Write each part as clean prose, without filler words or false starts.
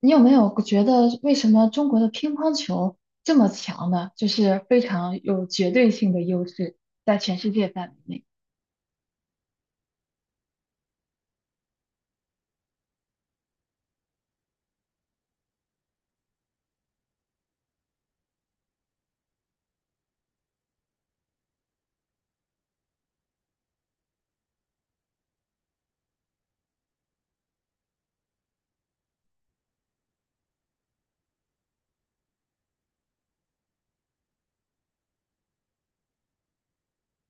你有没有觉得为什么中国的乒乓球这么强呢？就是非常有绝对性的优势，在全世界范围内。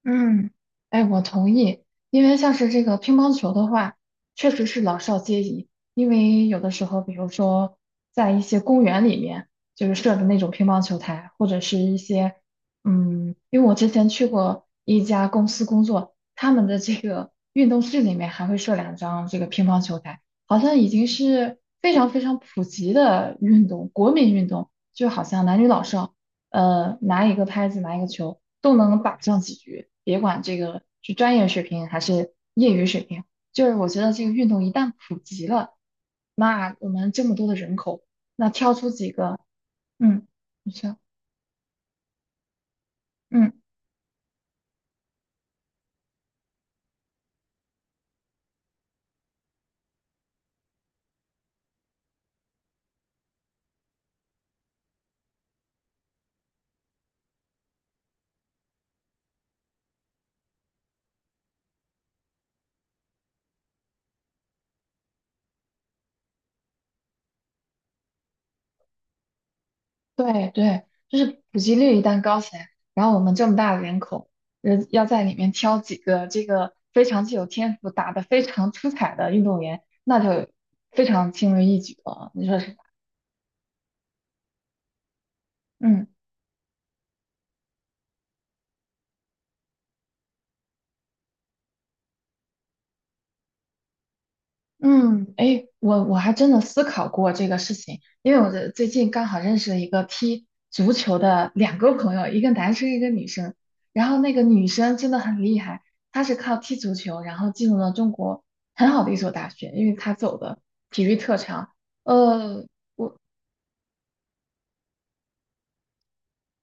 嗯，哎，我同意，因为像是这个乒乓球的话，确实是老少皆宜。因为有的时候，比如说在一些公园里面，就是设的那种乒乓球台，或者是一些，因为我之前去过一家公司工作，他们的这个运动室里面还会设两张这个乒乓球台，好像已经是非常非常普及的运动，国民运动，就好像男女老少。拿一个拍子，拿一个球，都能打上几局，别管这个是专业水平还是业余水平，就是我觉得这个运动一旦普及了，那我们这么多的人口，那挑出几个，嗯，你说，嗯，对对，就是普及率一旦高起来，然后我们这么大的人口，人要在里面挑几个这个非常具有天赋、打得非常出彩的运动员，那就非常轻而易举了，你说是吧？嗯。嗯，哎，我还真的思考过这个事情，因为我这最近刚好认识了一个踢足球的两个朋友，一个男生，一个女生。然后那个女生真的很厉害，她是靠踢足球，然后进入了中国很好的一所大学，因为她走的体育特长。呃，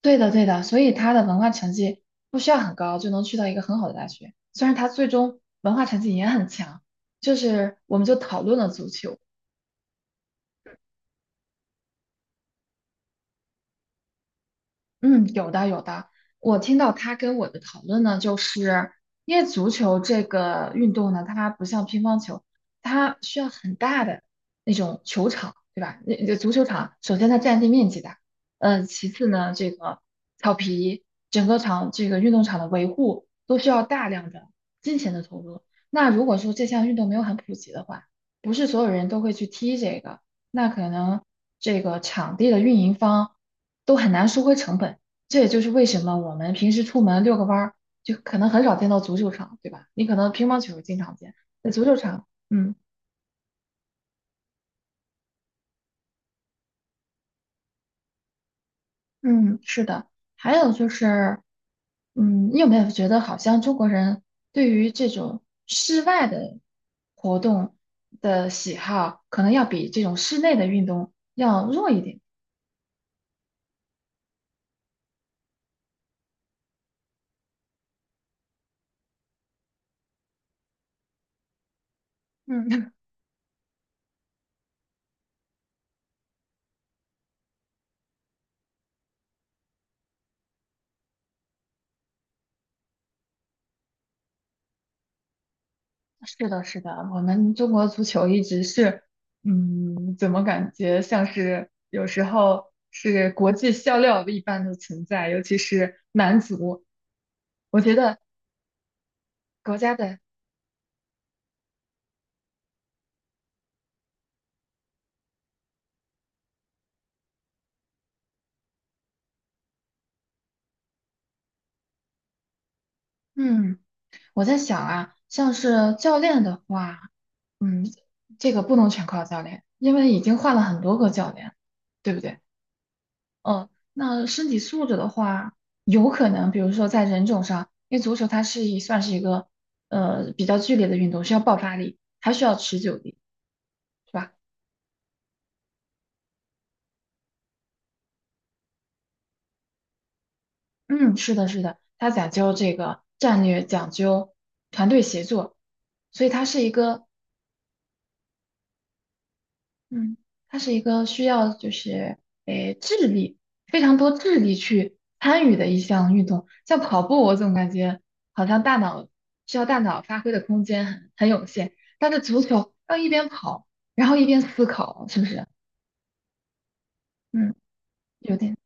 对的对的，所以她的文化成绩不需要很高就能去到一个很好的大学。虽然她最终文化成绩也很强，就是我们就讨论了足球。嗯，有的有的。我听到他跟我的讨论呢，就是因为足球这个运动呢，它不像乒乓球，它需要很大的那种球场，对吧？那足球场，首先它占地面积大，嗯、其次呢，这个草皮，整个场这个运动场的维护都需要大量的金钱的投入。那如果说这项运动没有很普及的话，不是所有人都会去踢这个，那可能这个场地的运营方。都很难收回成本。这也就是为什么我们平时出门遛个弯儿，就可能很少见到足球场，对吧？你可能乒乓球经常见，在足球场，嗯嗯，是的。还有就是，你有没有觉得好像中国人对于这种室外的活动的喜好，可能要比这种室内的运动要弱一点？嗯，是的，是的，我们中国足球一直是，嗯，怎么感觉像是有时候是国际笑料一般的存在，尤其是男足，我觉得国家的，嗯，我在想啊，像是教练的话，嗯，这个不能全靠教练，因为已经换了很多个教练，对不对？那身体素质的话，有可能，比如说在人种上，因为足球它是一算是一个比较剧烈的运动，需要爆发力，还需要持久力，是吧？嗯，是的，是的，它讲究这个战略，讲究团队协作，所以它是一个嗯，它是一个需要就是智力非常多智力去参与的一项运动，像跑步，我总感觉好像大脑需要大脑发挥的空间很有限，但是足球要一边跑，然后一边思考，是不是？嗯，有点。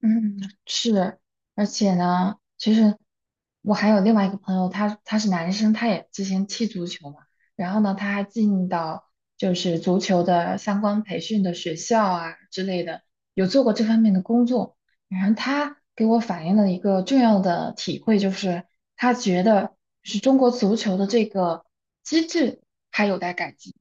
嗯，是，而且呢，其实我还有另外一个朋友，他是男生，他也之前踢足球嘛，然后呢，他还进到就是足球的相关培训的学校啊之类的，有做过这方面的工作。然后他给我反映了一个重要的体会，就是他觉得是中国足球的这个机制还有待改进。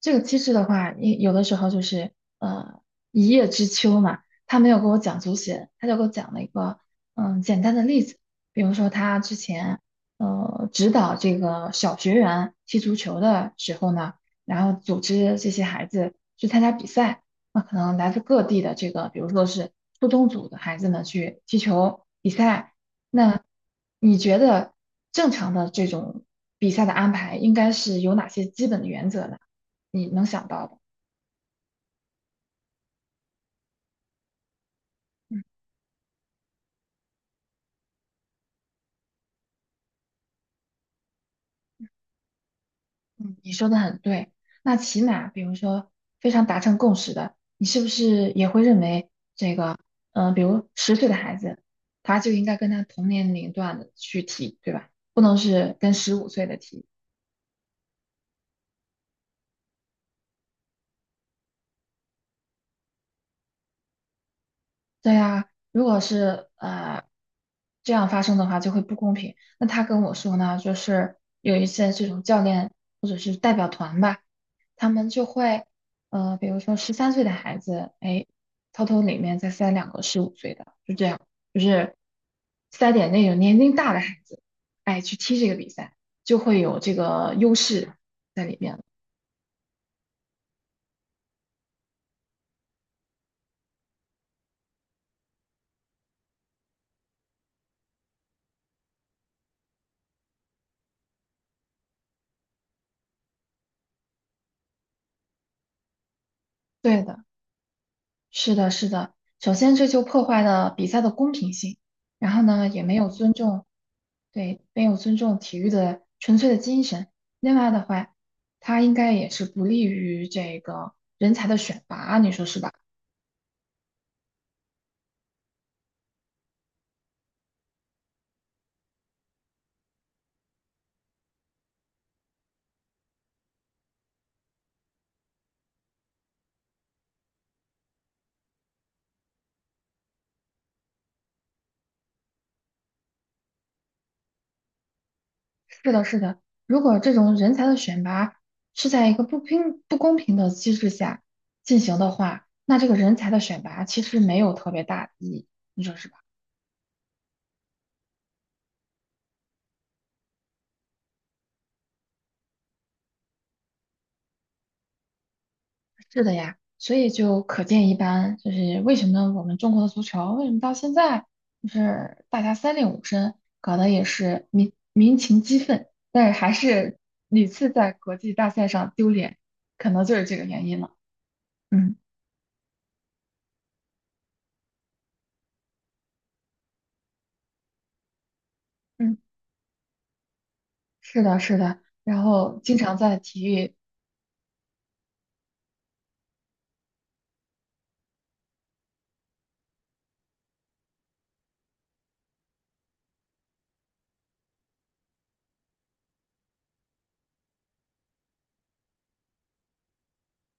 这个机制的话，你有的时候就是呃一叶知秋嘛，他没有给我讲足协，他就给我讲了一个简单的例子，比如说他之前指导这个小学员踢足球的时候呢，然后组织这些孩子去参加比赛，那可能来自各地的这个，比如说是初中组的孩子呢去踢球比赛，那你觉得正常的这种比赛的安排应该是有哪些基本的原则呢？你能想到的。嗯，你说的很对。那起码，比如说非常达成共识的，你是不是也会认为这个，嗯、比如10岁的孩子，他就应该跟他同年龄段的去提，对吧？不能是跟十五岁的提，对呀，如果是这样发生的话，就会不公平。那他跟我说呢，就是有一些这种教练或者是代表团吧，他们就会比如说13岁的孩子，哎，偷偷里面再塞两个十五岁的，就这样，就是塞点那种年龄大的孩子，哎，去踢这个比赛，就会有这个优势在里面了。对的。是的，是的。首先，这就破坏了比赛的公平性，然后呢，也没有尊重，对，没有尊重体育的纯粹的精神。另外的话，它应该也是不利于这个人才的选拔，你说是吧？是的，是的。如果这种人才的选拔是在一个不平不公平的机制下进行的话，那这个人才的选拔其实没有特别大的意义，你说是吧？是的呀，所以就可见一斑，就是为什么我们中国的足球为什么到现在就是大家三令五申，搞得也是民情激愤，但是还是 屡次在国际大赛上丢脸，可能就是这个原因了。嗯嗯，是的，是的，然后经常在体育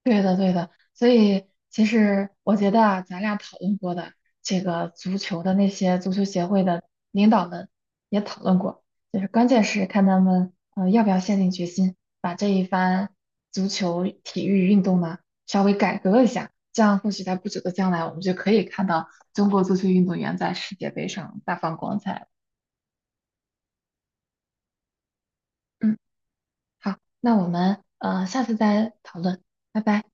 对的，对的，所以其实我觉得啊，咱俩讨论过的这个足球的那些足球协会的领导们也讨论过，就是关键是看他们要不要下定决心把这一番足球体育运动呢稍微改革一下，这样或许在不久的将来，我们就可以看到中国足球运动员在世界杯上大放光彩了嗯，好，那我们下次再讨论，拜拜。